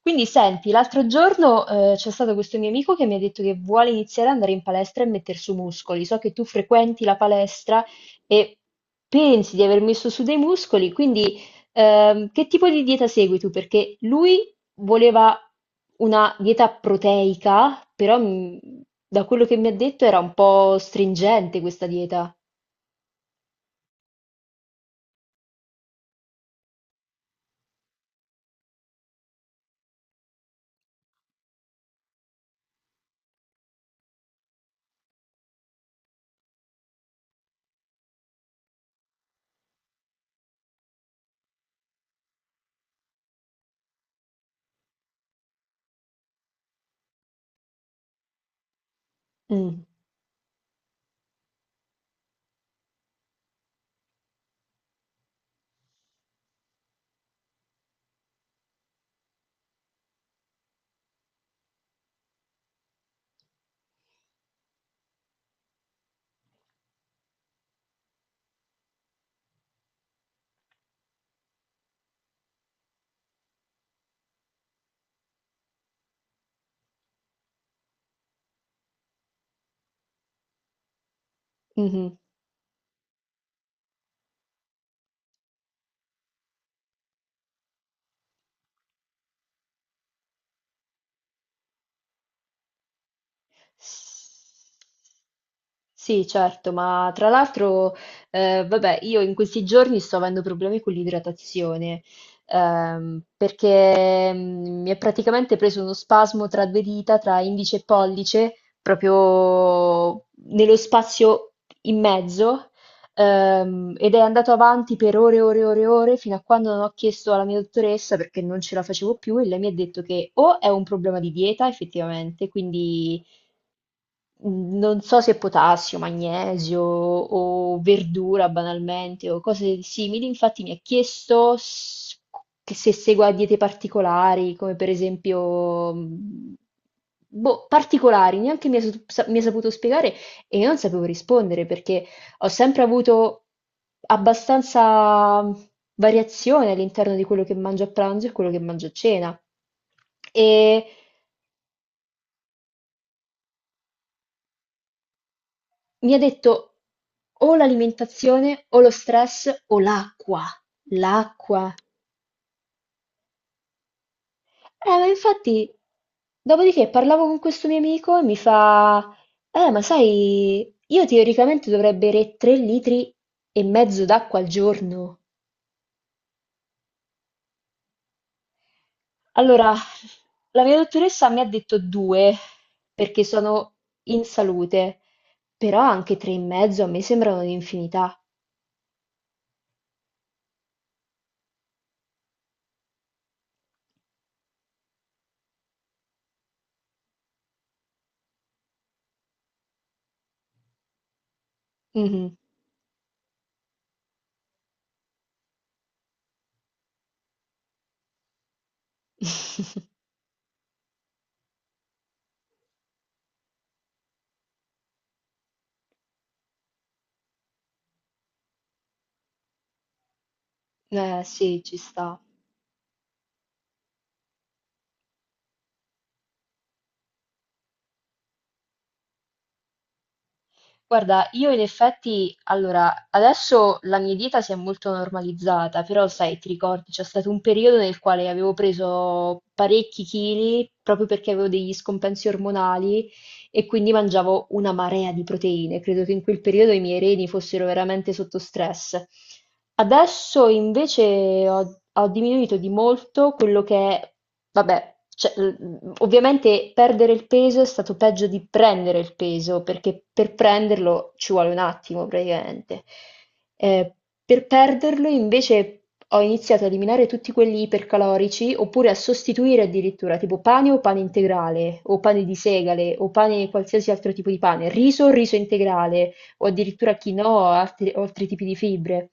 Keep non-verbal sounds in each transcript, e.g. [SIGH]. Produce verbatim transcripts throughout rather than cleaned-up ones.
Quindi senti, l'altro giorno, ehm, c'è stato questo mio amico che mi ha detto che vuole iniziare ad andare in palestra e metter su muscoli. So che tu frequenti la palestra e pensi di aver messo su dei muscoli, quindi, ehm, che tipo di dieta segui tu? Perché lui voleva una dieta proteica, però mm, da quello che mi ha detto era un po' stringente questa dieta. Mm. Mhm. Sì, certo, ma tra l'altro, eh, vabbè, io in questi giorni sto avendo problemi con l'idratazione, ehm, perché mm, mi è praticamente preso uno spasmo tra due dita, tra indice e pollice, proprio nello spazio in mezzo, ehm, ed è andato avanti per ore e ore e ore e ore, fino a quando non ho chiesto alla mia dottoressa perché non ce la facevo più e lei mi ha detto che o è un problema di dieta, effettivamente, quindi mhmm, non so se potassio, magnesio o verdura banalmente o cose simili. Infatti mi ha chiesto s che se segua diete particolari, come per esempio, mhmm, boh, particolari, neanche mi ha s sa mi ha saputo spiegare e io non sapevo rispondere perché ho sempre avuto abbastanza variazione all'interno di quello che mangio a pranzo e quello che mangio a cena. E mi ha detto o l'alimentazione o lo stress o l'acqua, l'acqua. Eh, ma infatti, dopodiché parlavo con questo mio amico e mi fa, eh, ma sai, io teoricamente dovrei bere tre litri e mezzo d'acqua al giorno. Allora, la mia dottoressa mi ha detto due perché sono in salute, però anche tre e mezzo a me sembrano un'infinità. Mhm. [LAUGHS] Eh, sì, ci sta. Guarda, io in effetti, allora, adesso la mia dieta si è molto normalizzata, però sai, ti ricordi, c'è stato un periodo nel quale avevo preso parecchi chili proprio perché avevo degli scompensi ormonali e quindi mangiavo una marea di proteine. Credo che in quel periodo i miei reni fossero veramente sotto stress. Adesso invece ho, ho diminuito di molto quello che è, vabbè, cioè, l- ovviamente perdere il peso è stato peggio di prendere il peso, perché per prenderlo ci vuole un attimo praticamente. Ehm, per perderlo invece ho iniziato a eliminare tutti quelli ipercalorici, oppure a sostituire addirittura, tipo pane o pane integrale, o pane di segale, o pane qualsiasi altro tipo di pane, riso o riso integrale, o addirittura quinoa o altri, o altri tipi di fibre.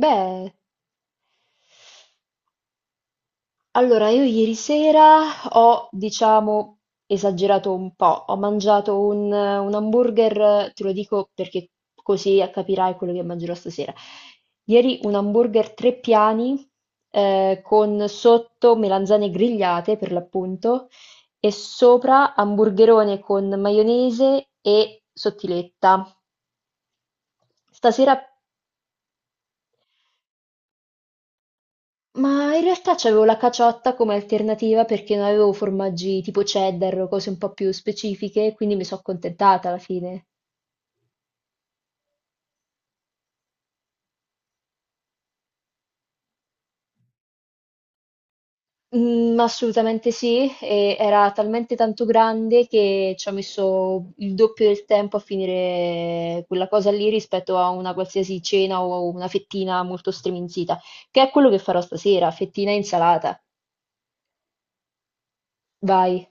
Beh. Allora, io ieri sera ho, diciamo, esagerato un po', ho mangiato un, un hamburger, te lo dico perché così capirai quello che mangerò stasera. Ieri un hamburger tre piani, eh, con sotto melanzane grigliate per l'appunto, e sopra hamburgerone con maionese e sottiletta. Stasera Ma in realtà c'avevo la caciotta come alternativa perché non avevo formaggi tipo cheddar o cose un po' più specifiche, quindi mi sono accontentata alla fine. Mm, assolutamente sì, e era talmente tanto grande che ci ho messo il doppio del tempo a finire quella cosa lì rispetto a una qualsiasi cena o una fettina molto striminzita, che è quello che farò stasera, fettina e insalata. Vai.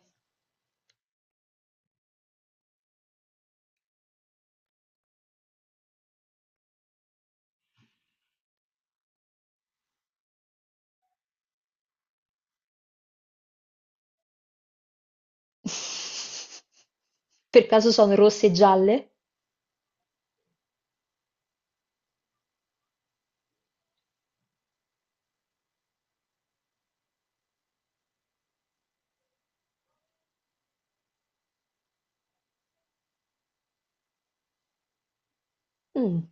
[LAUGHS] Per caso sono rosse e gialle? Mm.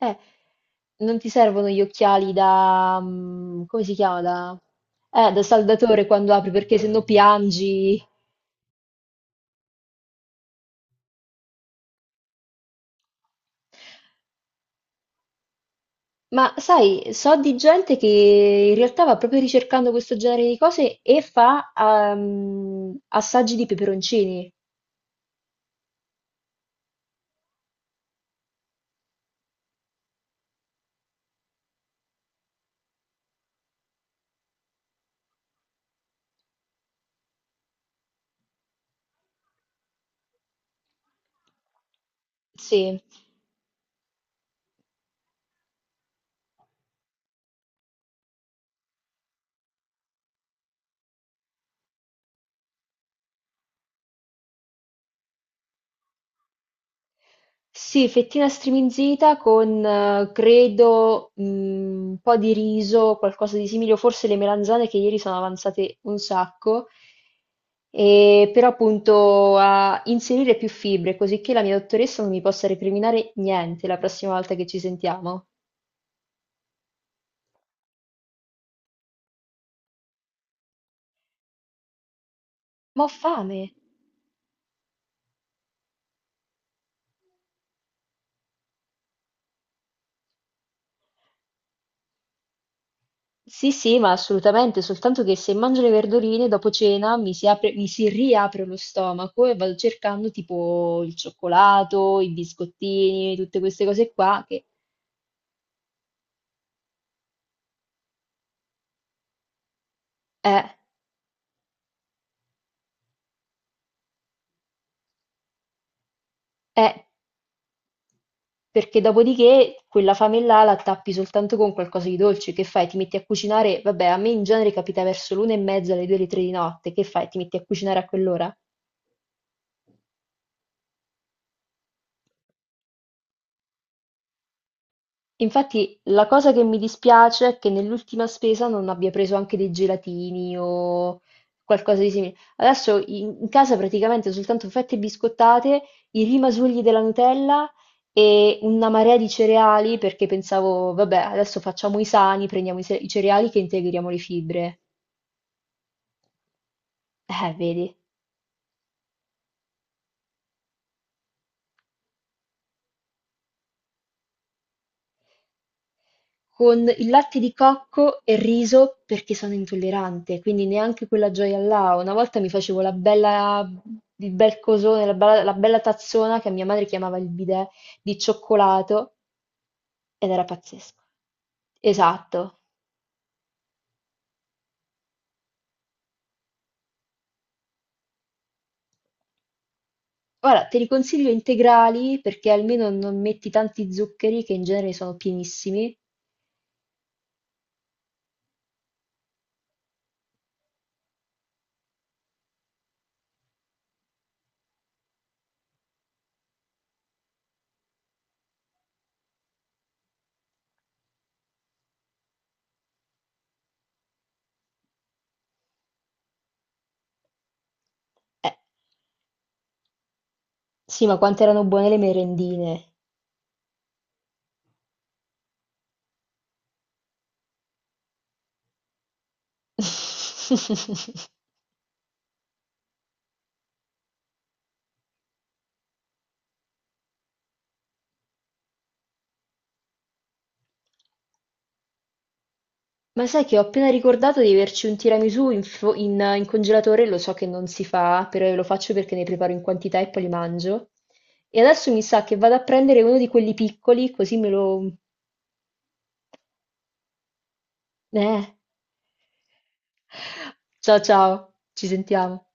Eh, non ti servono gli occhiali da, mm, come si chiama? Da, eh, da saldatore quando apri, perché sennò piangi. Ma sai, so di gente che in realtà va proprio ricercando questo genere di cose e fa ehm, assaggi di peperoncini. Sì. Sì, fettina striminzita con, eh, credo, mh, un po' di riso, qualcosa di simile, o forse le melanzane che ieri sono avanzate un sacco, e però appunto a inserire più fibre, così che la mia dottoressa non mi possa recriminare niente la prossima volta che ci sentiamo. Ma ho fame! Sì, sì, ma assolutamente, soltanto che se mangio le verdurine dopo cena mi si apre, mi si riapre lo stomaco e vado cercando tipo il cioccolato, i biscottini, tutte queste cose qua che eh, eh, perché dopodiché quella fame là la tappi soltanto con qualcosa di dolce, che fai? Ti metti a cucinare, vabbè, a me in genere capita verso l'una e mezza, alle due, alle tre di notte, che fai? Ti metti a cucinare a quell'ora? Infatti la cosa che mi dispiace è che nell'ultima spesa non abbia preso anche dei gelatini o qualcosa di simile. Adesso in, in casa praticamente soltanto fette biscottate, i rimasugli della Nutella e una marea di cereali perché pensavo, vabbè, adesso facciamo i sani, prendiamo i, se- i cereali che integriamo le fibre. Eh, vedi? Con il latte di cocco e riso perché sono intollerante, quindi neanche quella gioia là. Una volta mi facevo la bella, il bel cosone, la bella, la bella tazzona che mia madre chiamava il bidet di cioccolato ed era pazzesco. Esatto. Ora te li consiglio integrali perché almeno non metti tanti zuccheri che in genere sono pienissimi. Eh, sì, ma quante erano buone le merendine. [LAUGHS] Ma sai che ho appena ricordato di averci un tiramisù in, fo- in- in congelatore, lo so che non si fa, però lo faccio perché ne preparo in quantità e poi li mangio. E adesso mi sa che vado a prendere uno di quelli piccoli, così me lo... Eh. Ciao ciao, ci sentiamo.